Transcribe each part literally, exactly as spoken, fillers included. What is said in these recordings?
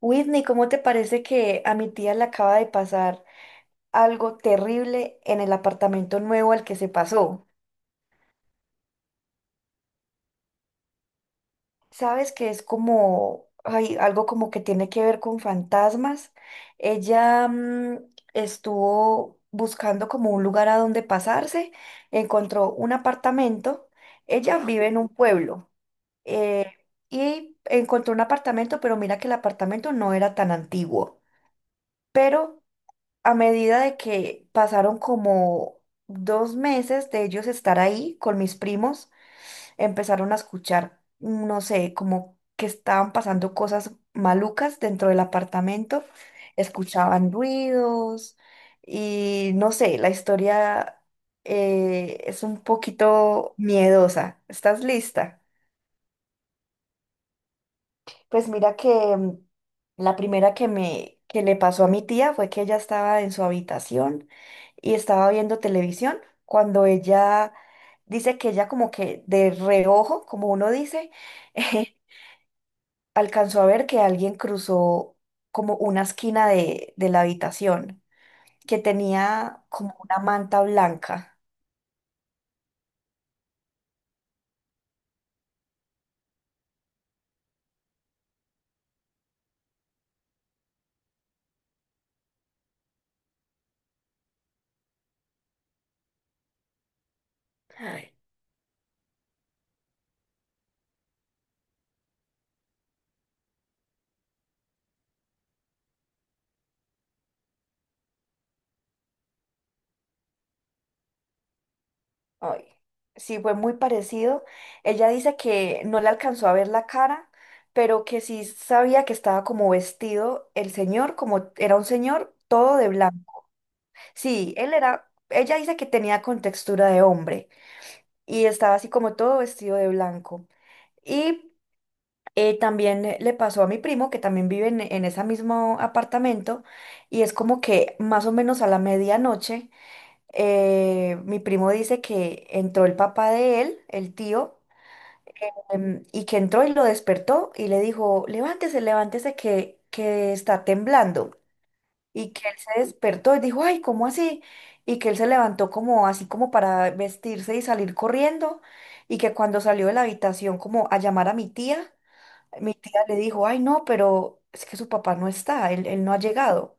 Whitney, ¿cómo te parece que a mi tía le acaba de pasar algo terrible en el apartamento nuevo al que se pasó? Sabes que es como, ay, algo como que tiene que ver con fantasmas. Ella mm, estuvo buscando como un lugar a donde pasarse, encontró un apartamento. Ella vive en un pueblo eh, y encontró un apartamento, pero mira que el apartamento no era tan antiguo, pero a medida de que pasaron como dos meses de ellos estar ahí con mis primos, empezaron a escuchar, mm, no sé, como que estaban pasando cosas malucas dentro del apartamento, escuchaban ruidos y no sé, la historia eh, es un poquito miedosa. ¿Estás lista? Pues mira que mm, la primera que me que le pasó a mi tía fue que ella estaba en su habitación y estaba viendo televisión cuando ella dice que ella como que de reojo, como uno dice, alcanzó a ver que alguien cruzó como una esquina de, de la habitación que tenía como una manta blanca. Ay, sí, fue muy parecido. Ella dice que no le alcanzó a ver la cara, pero que sí sabía que estaba como vestido el señor, como era un señor todo de blanco. Sí, él era, ella dice que tenía contextura de hombre y estaba así como todo vestido de blanco. Y eh, también le le pasó a mi primo, que también vive en, en ese mismo apartamento, y es como que más o menos a la medianoche, eh, mi primo dice que entró el papá de él, el tío, em, y que entró y lo despertó y le dijo, levántese, levántese que, que está temblando. Y que él se despertó y dijo, ay, ¿cómo así? Y que él se levantó como así como para vestirse y salir corriendo. Y que cuando salió de la habitación como a llamar a mi tía, mi tía le dijo, ay, no, pero es que su papá no está, él, él no ha llegado.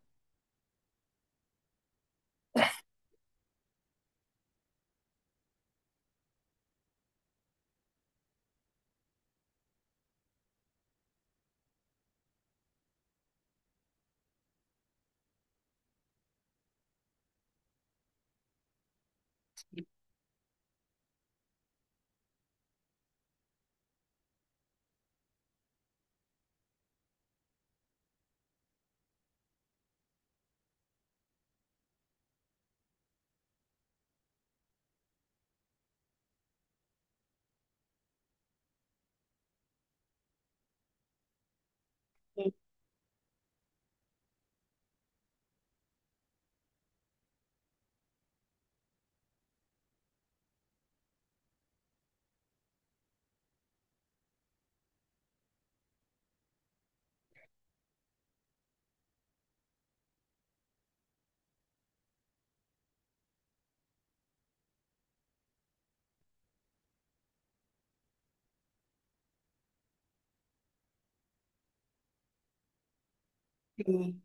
Sí.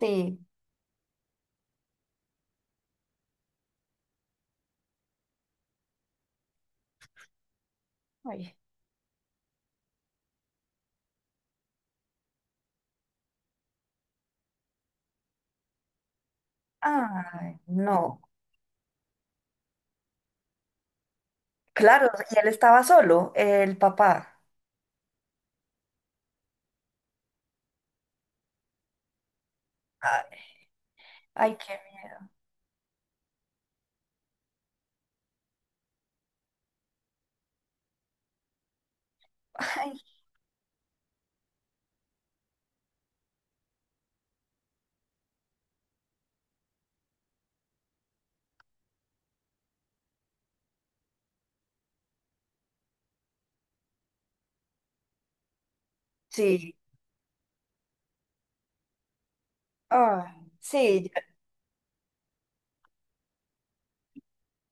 Sí. Ay. Ay, no. Claro, y él estaba solo, el papá. Ay, ay, qué... Ay, sí. Ah, sí, ya-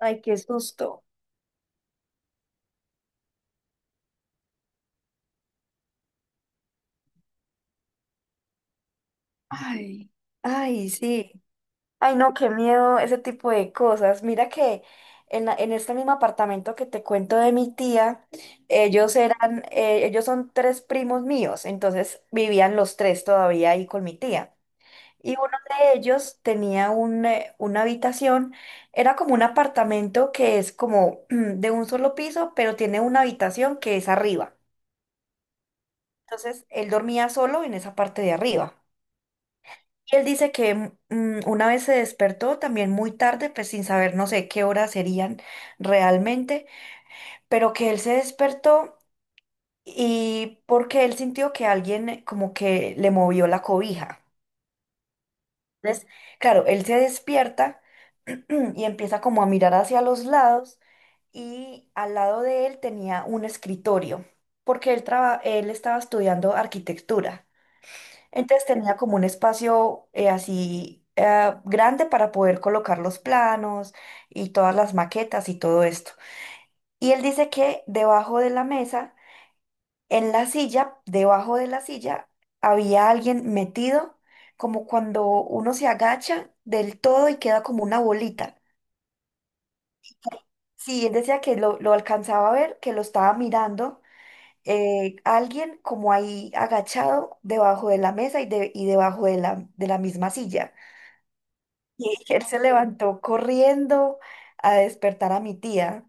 ay, qué susto. Ay, ay, sí. Ay, no, qué miedo ese tipo de cosas. Mira que en, la- en este mismo apartamento que te cuento de mi tía, ellos eran, eh, ellos son tres primos míos, entonces vivían los tres todavía ahí con mi tía. Y uno de ellos tenía un, eh, una habitación, era como un apartamento que es como de un solo piso, pero tiene una habitación que es arriba. Entonces él dormía solo en esa parte de arriba. Y él dice que mm, mm, una vez se despertó también muy tarde, pues sin saber no sé qué horas serían realmente, pero que él se despertó y porque él sintió que alguien eh, como que le movió la cobija. Entonces, claro, él se despierta y empieza como a mirar hacia los lados y al lado de él tenía un escritorio, porque él, traba- él estaba estudiando arquitectura. Entonces tenía como un espacio eh, así eh, grande para poder colocar los planos y todas las maquetas y todo esto. Y él dice que debajo de la mesa, en la silla, debajo de la silla, había alguien metido, como cuando uno se agacha del todo y queda como una bolita. Sí, él decía que lo, lo alcanzaba a ver, que lo estaba mirando. Eh, alguien como ahí agachado debajo de la mesa y, de- y debajo de la, de la misma silla. Y él se levantó corriendo a despertar a mi tía.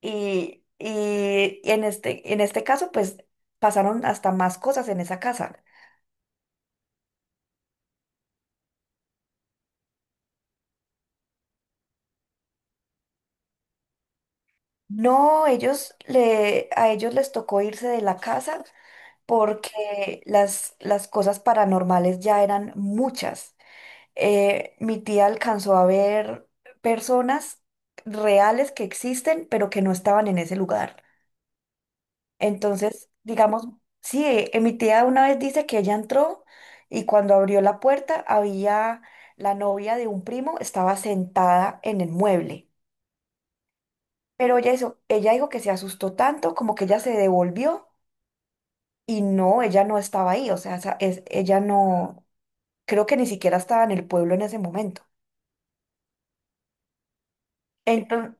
Y, y en este, en este caso, pues pasaron hasta más cosas en esa casa. No, ellos le, a ellos les tocó irse de la casa porque las, las cosas paranormales ya eran muchas. Eh, mi tía alcanzó a ver personas reales que existen, pero que no estaban en ese lugar. Entonces, digamos, sí, eh, eh, mi tía una vez dice que ella entró y cuando abrió la puerta había la novia de un primo, estaba sentada en el mueble. Pero ella hizo- ella dijo que se asustó tanto como que ella se devolvió y no, ella no estaba ahí, o sea, esa- es, ella no, creo que ni siquiera estaba en el pueblo en ese momento. Entonces,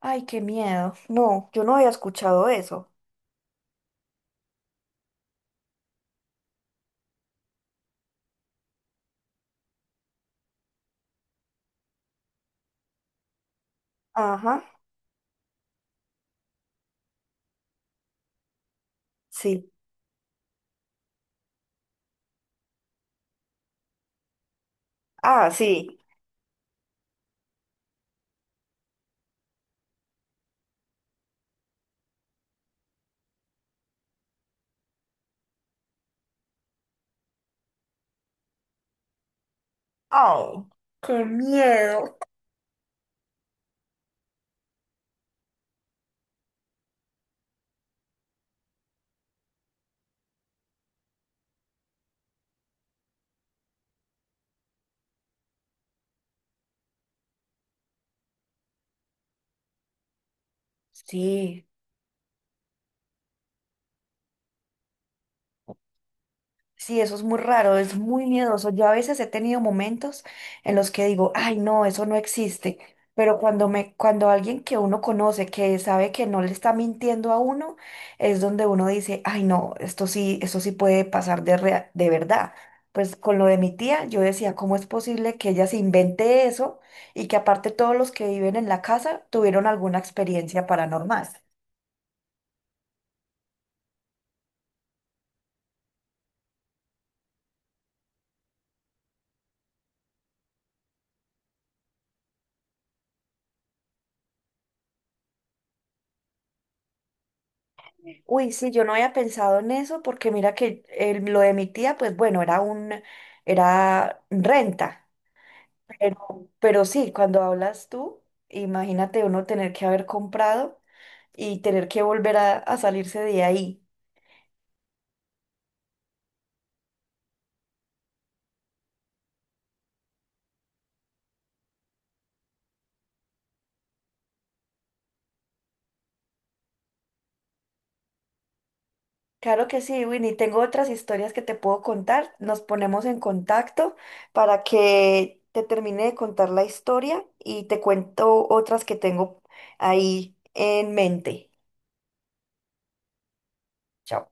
ay, qué miedo. No, yo no había escuchado eso. Ajá, sí. Ah, sí. Oh, qué miedo. Sí. Sí, eso es muy raro, es muy miedoso. Yo a veces he tenido momentos en los que digo, ay, no, eso no existe. Pero cuando me, cuando alguien que uno conoce, que sabe que no le está mintiendo a uno, es donde uno dice, ay, no, esto sí, esto sí puede pasar de rea- de verdad. Pues con lo de mi tía, yo decía, ¿cómo es posible que ella se invente eso y que aparte todos los que viven en la casa tuvieron alguna experiencia paranormal? Uy, sí, yo no había pensado en eso porque mira que el- lo de mi tía, pues bueno, era un, era renta, pero, pero sí, cuando hablas tú, imagínate uno tener que haber comprado y tener que volver a, a salirse de ahí. Claro que sí, Winnie, tengo otras historias que te puedo contar. Nos ponemos en contacto para que te termine de contar la historia y te cuento otras que tengo ahí en mente. Chao.